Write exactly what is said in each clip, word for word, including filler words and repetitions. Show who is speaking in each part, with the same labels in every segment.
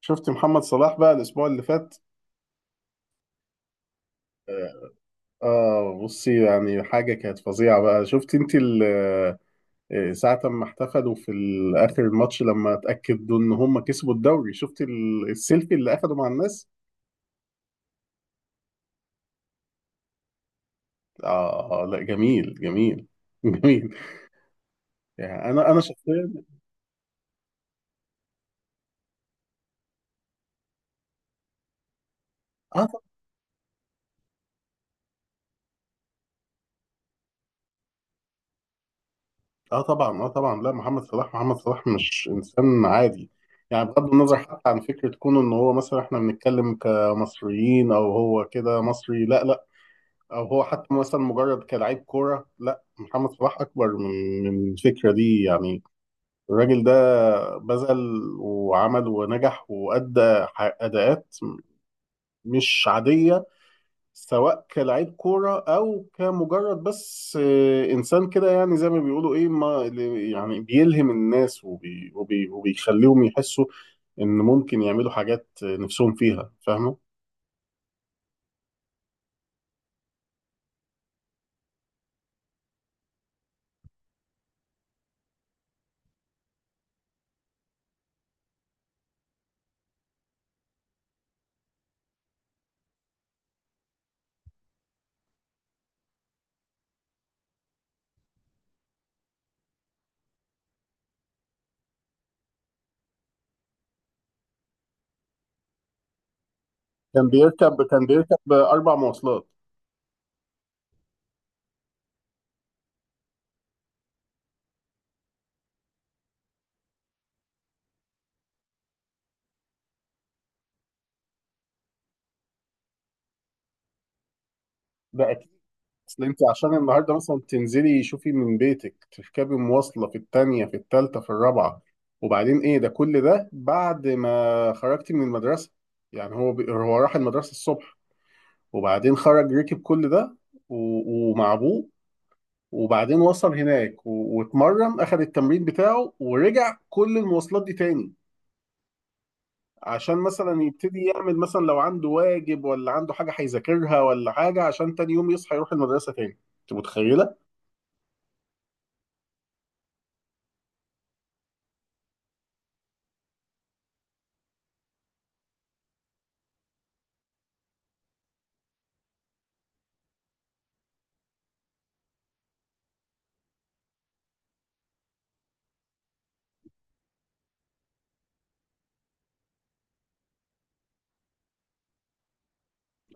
Speaker 1: شفت محمد صلاح بقى الاسبوع اللي فات. اه، بصي، يعني حاجه كانت فظيعه بقى. شفت انت ال- آه، ساعه ما احتفلوا في ال- اخر الماتش لما اتاكدوا ان هم كسبوا الدوري؟ شفت ال- السيلفي اللي اخده مع الناس؟ اه لا، جميل جميل جميل. يعني انا انا شخصيا. اه طب- اه طبعا، اه طبعا، لا، محمد صلاح محمد صلاح مش انسان عادي. يعني بغض النظر حتى عن فكره كونه ان هو مثلا احنا بنتكلم كمصريين او هو كده مصري، لا لا، او هو حتى مثلا مجرد كلاعب كوره، لا، محمد صلاح اكبر من من الفكره دي يعني. الراجل ده بذل وعمل ونجح وادى ح- اداءات مش عاديه، سواء كلاعب كوره او كمجرد بس آه، انسان كده، يعني زي ما بيقولوا ايه، ما اللي- يعني بيلهم الناس وبي وبي وبيخليهم يحسوا ان ممكن يعملوا حاجات نفسهم فيها، فاهمه. كان بيركب كان بيركب اربع مواصلات. ده اصل انت عشان النهارده مثلا تنزلي شوفي من بيتك، تركبي مواصله في التانية في التالتة في الرابعه، وبعدين ايه ده، كل ده بعد ما خرجتي من المدرسه. يعني هو بي... هو راح المدرسه الصبح، وبعدين خرج ركب كل ده، و... ومع ابوه، وبعدين وصل هناك و... واتمرن، اخذ التمرين بتاعه، ورجع كل المواصلات دي تاني، عشان مثلا يبتدي يعمل، مثلا لو عنده واجب ولا عنده حاجه هيذاكرها ولا حاجه، عشان تاني يوم يصحى يروح المدرسه تاني. انت متخيله؟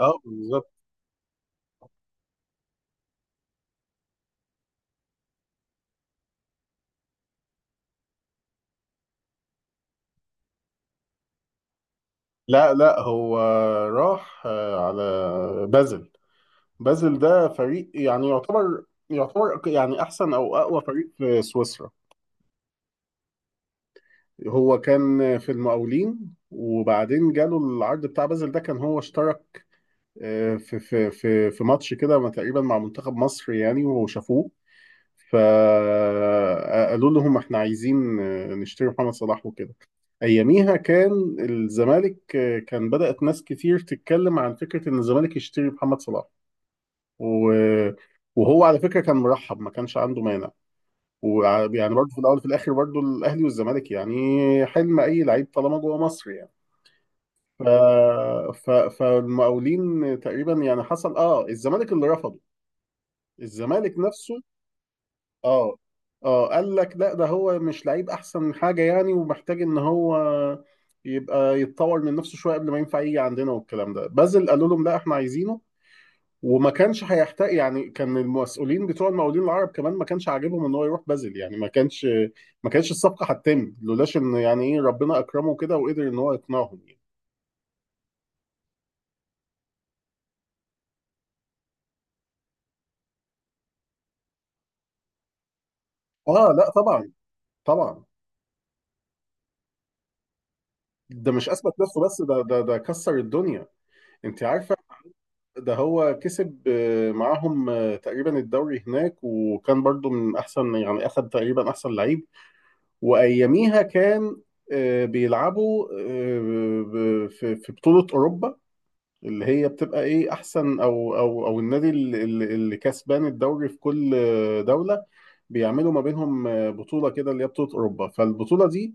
Speaker 1: اه بالظبط. لا لا، هو راح آه، على بازل. بازل ده فريق، يعني يعتبر يعتبر يعني احسن او اقوى فريق في سويسرا. هو كان في المقاولين، وبعدين جاله العرض بتاع بازل. ده كان هو اشترك آه، في في في في ماتش كده ما تقريبا مع منتخب مصر يعني، وشافوه، فقالوا لهم احنا عايزين نشتري محمد صلاح وكده. اياميها كان الزمالك، كان بدأت ناس كتير تتكلم عن فكرة ان الزمالك يشتري محمد صلاح، و... وهو على فكرة كان مرحب، ما كانش عنده مانع. ويعني برضه في الاول وفي الاخر برضه الاهلي والزمالك يعني حلم اي لعيب طالما جوه مصر يعني. ف... ف... فالمقاولين تقريبا، يعني حصل اه الزمالك اللي رفضه. الزمالك نفسه. اه اه. قال لك لا، ده هو مش لعيب احسن حاجه يعني، ومحتاج ان هو يبقى يتطور من نفسه شويه قبل ما ينفع يجي عندنا والكلام ده. بازل قالوا لهم لا احنا عايزينه. وما كانش هيحتاج، يعني كان المسؤولين بتوع المقاولين العرب كمان ما كانش عاجبهم ان هو يروح بازل يعني. ما كانش ما كانش الصفقه هتتم لولاش ان يعني ايه ربنا اكرمه كده وقدر ان هو يقنعهم يعني. اه لا طبعا، طبعا. ده مش اثبت نفسه بس، ده ده ده كسر الدنيا، انت عارفه. ده هو كسب آه، معاهم آه، تقريبا الدوري هناك، وكان برضو من احسن يعني، اخد تقريبا احسن لعيب. واياميها كان آه، بيلعبوا آه، ب- في في بطولة اوروبا، اللي هي بتبقى ايه، احسن او او او النادي اللي, اللي اللي كسبان الدوري في كل آه، دولة، بيعملوا ما بينهم آه، بطولة كده، اللي هي بطولة اوروبا. فالبطولة دي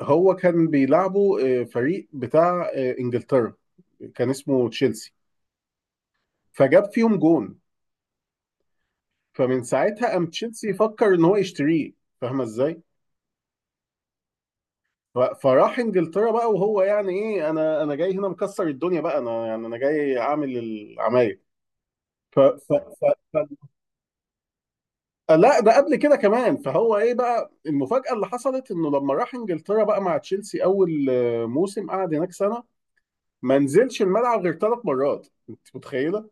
Speaker 1: هو كان بيلعبوا آه، فريق بتاع آه، انجلترا كان اسمه تشيلسي. فجاب فيهم جون. فمن ساعتها قام تشيلسي فكر ان هو يشتريه. فاهمه ازاي. ف- فراح انجلترا بقى، وهو يعني ايه، انا انا جاي هنا مكسر الدنيا بقى، انا يعني انا جاي اعمل العمايل. ف... ف... ف... ف... لا، ده قبل كده كمان. فهو ايه بقى المفاجأة اللي حصلت؟ انه لما راح انجلترا بقى مع تشيلسي، اول آه، موسم قعد هناك سنة ما نزلش الملعب غير ثلاث مرات. انت متخيلة؟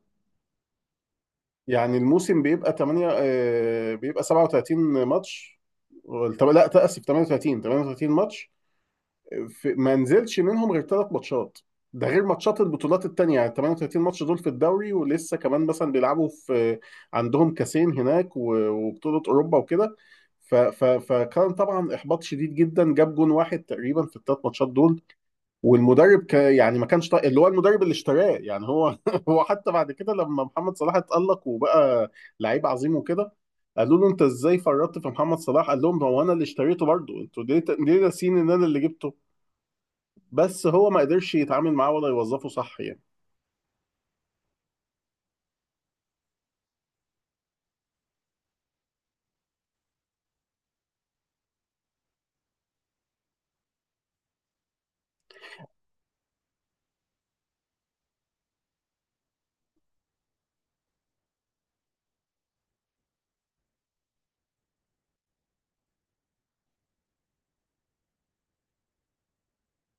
Speaker 1: يعني الموسم بيبقى ثمانية آه، بيبقى سبعة وثلاثين ماتش، ولا- لا تأسف، تمنية وتلاتين، تمنية وتلاتين ماتش، في ما نزلش منهم غير ثلاث ماتشات. ده غير ماتشات البطولات التانية، يعني تمنية وتلاتين ماتش دول في الدوري، ولسه كمان مثلا بيلعبوا في، عندهم كاسين هناك و- وبطولة أوروبا وكده. ف- ف- فكان طبعا إحباط شديد جدا. جاب جون واحد تقريبا في الثلاث ماتشات دول. والمدرب ك يعني ما كانش طايق اللي هو، المدرب اللي اشتراه يعني، هو هو حتى بعد كده لما محمد صلاح اتألق وبقى لعيب عظيم وكده، قالوا له انت ازاي فرطت في محمد صلاح؟ قال لهم هو انا اللي اشتريته برضه، انتوا ليه ليه ناسين ان انا اللي جبته، بس هو ما قدرش يتعامل معاه ولا يوظفه صح يعني.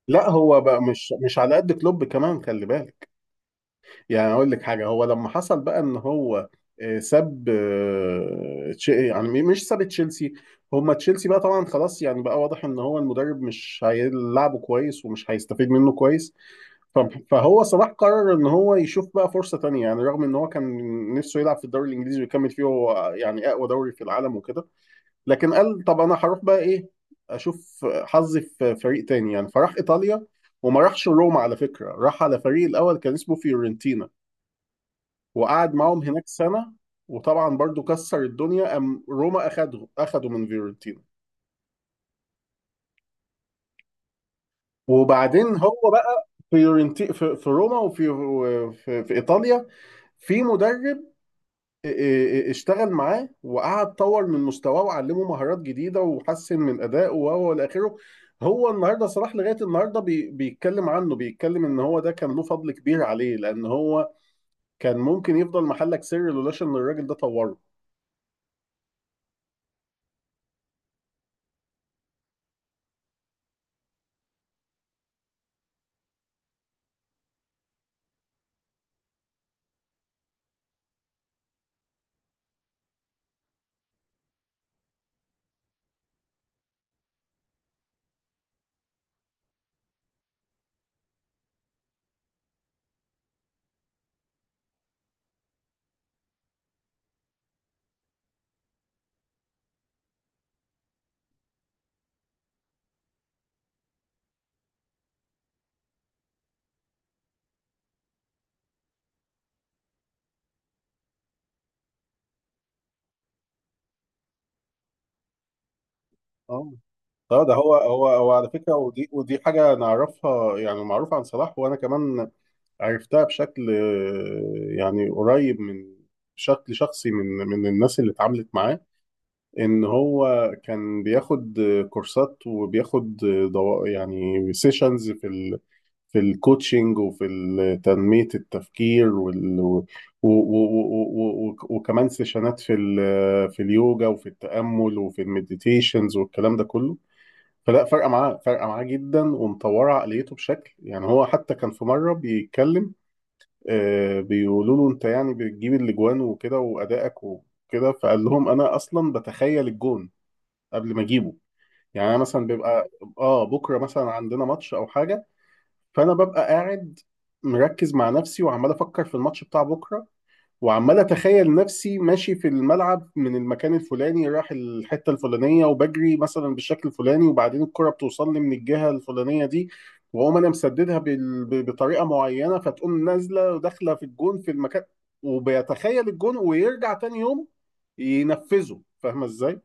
Speaker 1: لا هو بقى مش مش على قد كلوب كمان، خلي بالك. يعني اقول لك حاجه، هو لما حصل بقى ان هو آه، ساب آه، تش- يعني مش ساب تشيلسي، هما تشيلسي بقى طبعا خلاص، يعني بقى واضح ان هو المدرب مش هيلعبه كويس ومش هيستفيد منه كويس. ف- فهو صلاح قرر ان هو يشوف بقى فرصه تانية يعني، رغم ان هو كان نفسه يلعب في الدوري الانجليزي ويكمل فيه هو، يعني اقوى دوري في العالم وكده، لكن قال طب انا هروح بقى ايه اشوف حظي في فريق تاني يعني. فراح ايطاليا، وما راحش روما على فكره، راح على فريق الاول كان اسمه فيورنتينا، وقعد معاهم هناك سنه، وطبعا برضو كسر الدنيا، ام روما اخده اخده من فيورنتينا. وبعدين هو بقى فيورنتي في, في روما، وفي في, في ايطاليا في مدرب ا- اشتغل معاه، وقعد طور من مستواه وعلمه مهارات جديده وحسن من ادائه، وهو الى اخره. هو النهارده صلاح لغايه النهارده بي بيتكلم عنه، بيتكلم ان هو ده كان له فضل كبير عليه، لان هو كان ممكن يفضل محلك سر لولاش ان الراجل ده طوره. اه اه. ده هو هو هو على فكره، ودي ودي حاجه نعرفها يعني، معروفه عن صلاح، وانا كمان عرفتها بشكل آه، يعني قريب من، بشكل شخصي من من الناس اللي اتعاملت معاه، ان هو كان بياخد كورسات، وبياخد دو... يعني سيشنز في ال... في الكوتشنج، وفي ال- تنمية التفكير وال... و... و... و... و... وكمان سيشنات في ال... في اليوجا وفي التأمل وفي المديتيشنز والكلام ده كله. فلا، فارقة معاه، فارقة معاه جدا ومطورة عقليته بشكل، يعني هو حتى كان في مرة بيتكلم، آه، بيقولوا له انت يعني بتجيب الاجوان وكده وأدائك وكده، فقال لهم انا اصلا بتخيل الجون قبل ما اجيبه. يعني انا مثلا بيبقى اه بكره مثلا عندنا ماتش او حاجه، فانا ببقى قاعد مركز مع نفسي، وعمال افكر في الماتش بتاع بكره، وعمال اتخيل نفسي ماشي في الملعب من المكان الفلاني رايح الحته الفلانيه، وبجري مثلا بالشكل الفلاني، وبعدين الكره بتوصل لي من الجهه الفلانيه دي، واقوم انا مسددها بال- ب- بطريقه معينه، فتقوم نازله وداخله في الجون في المكان. وبيتخيل الجون ويرجع تاني يوم ينفذه، فاهمه ازاي؟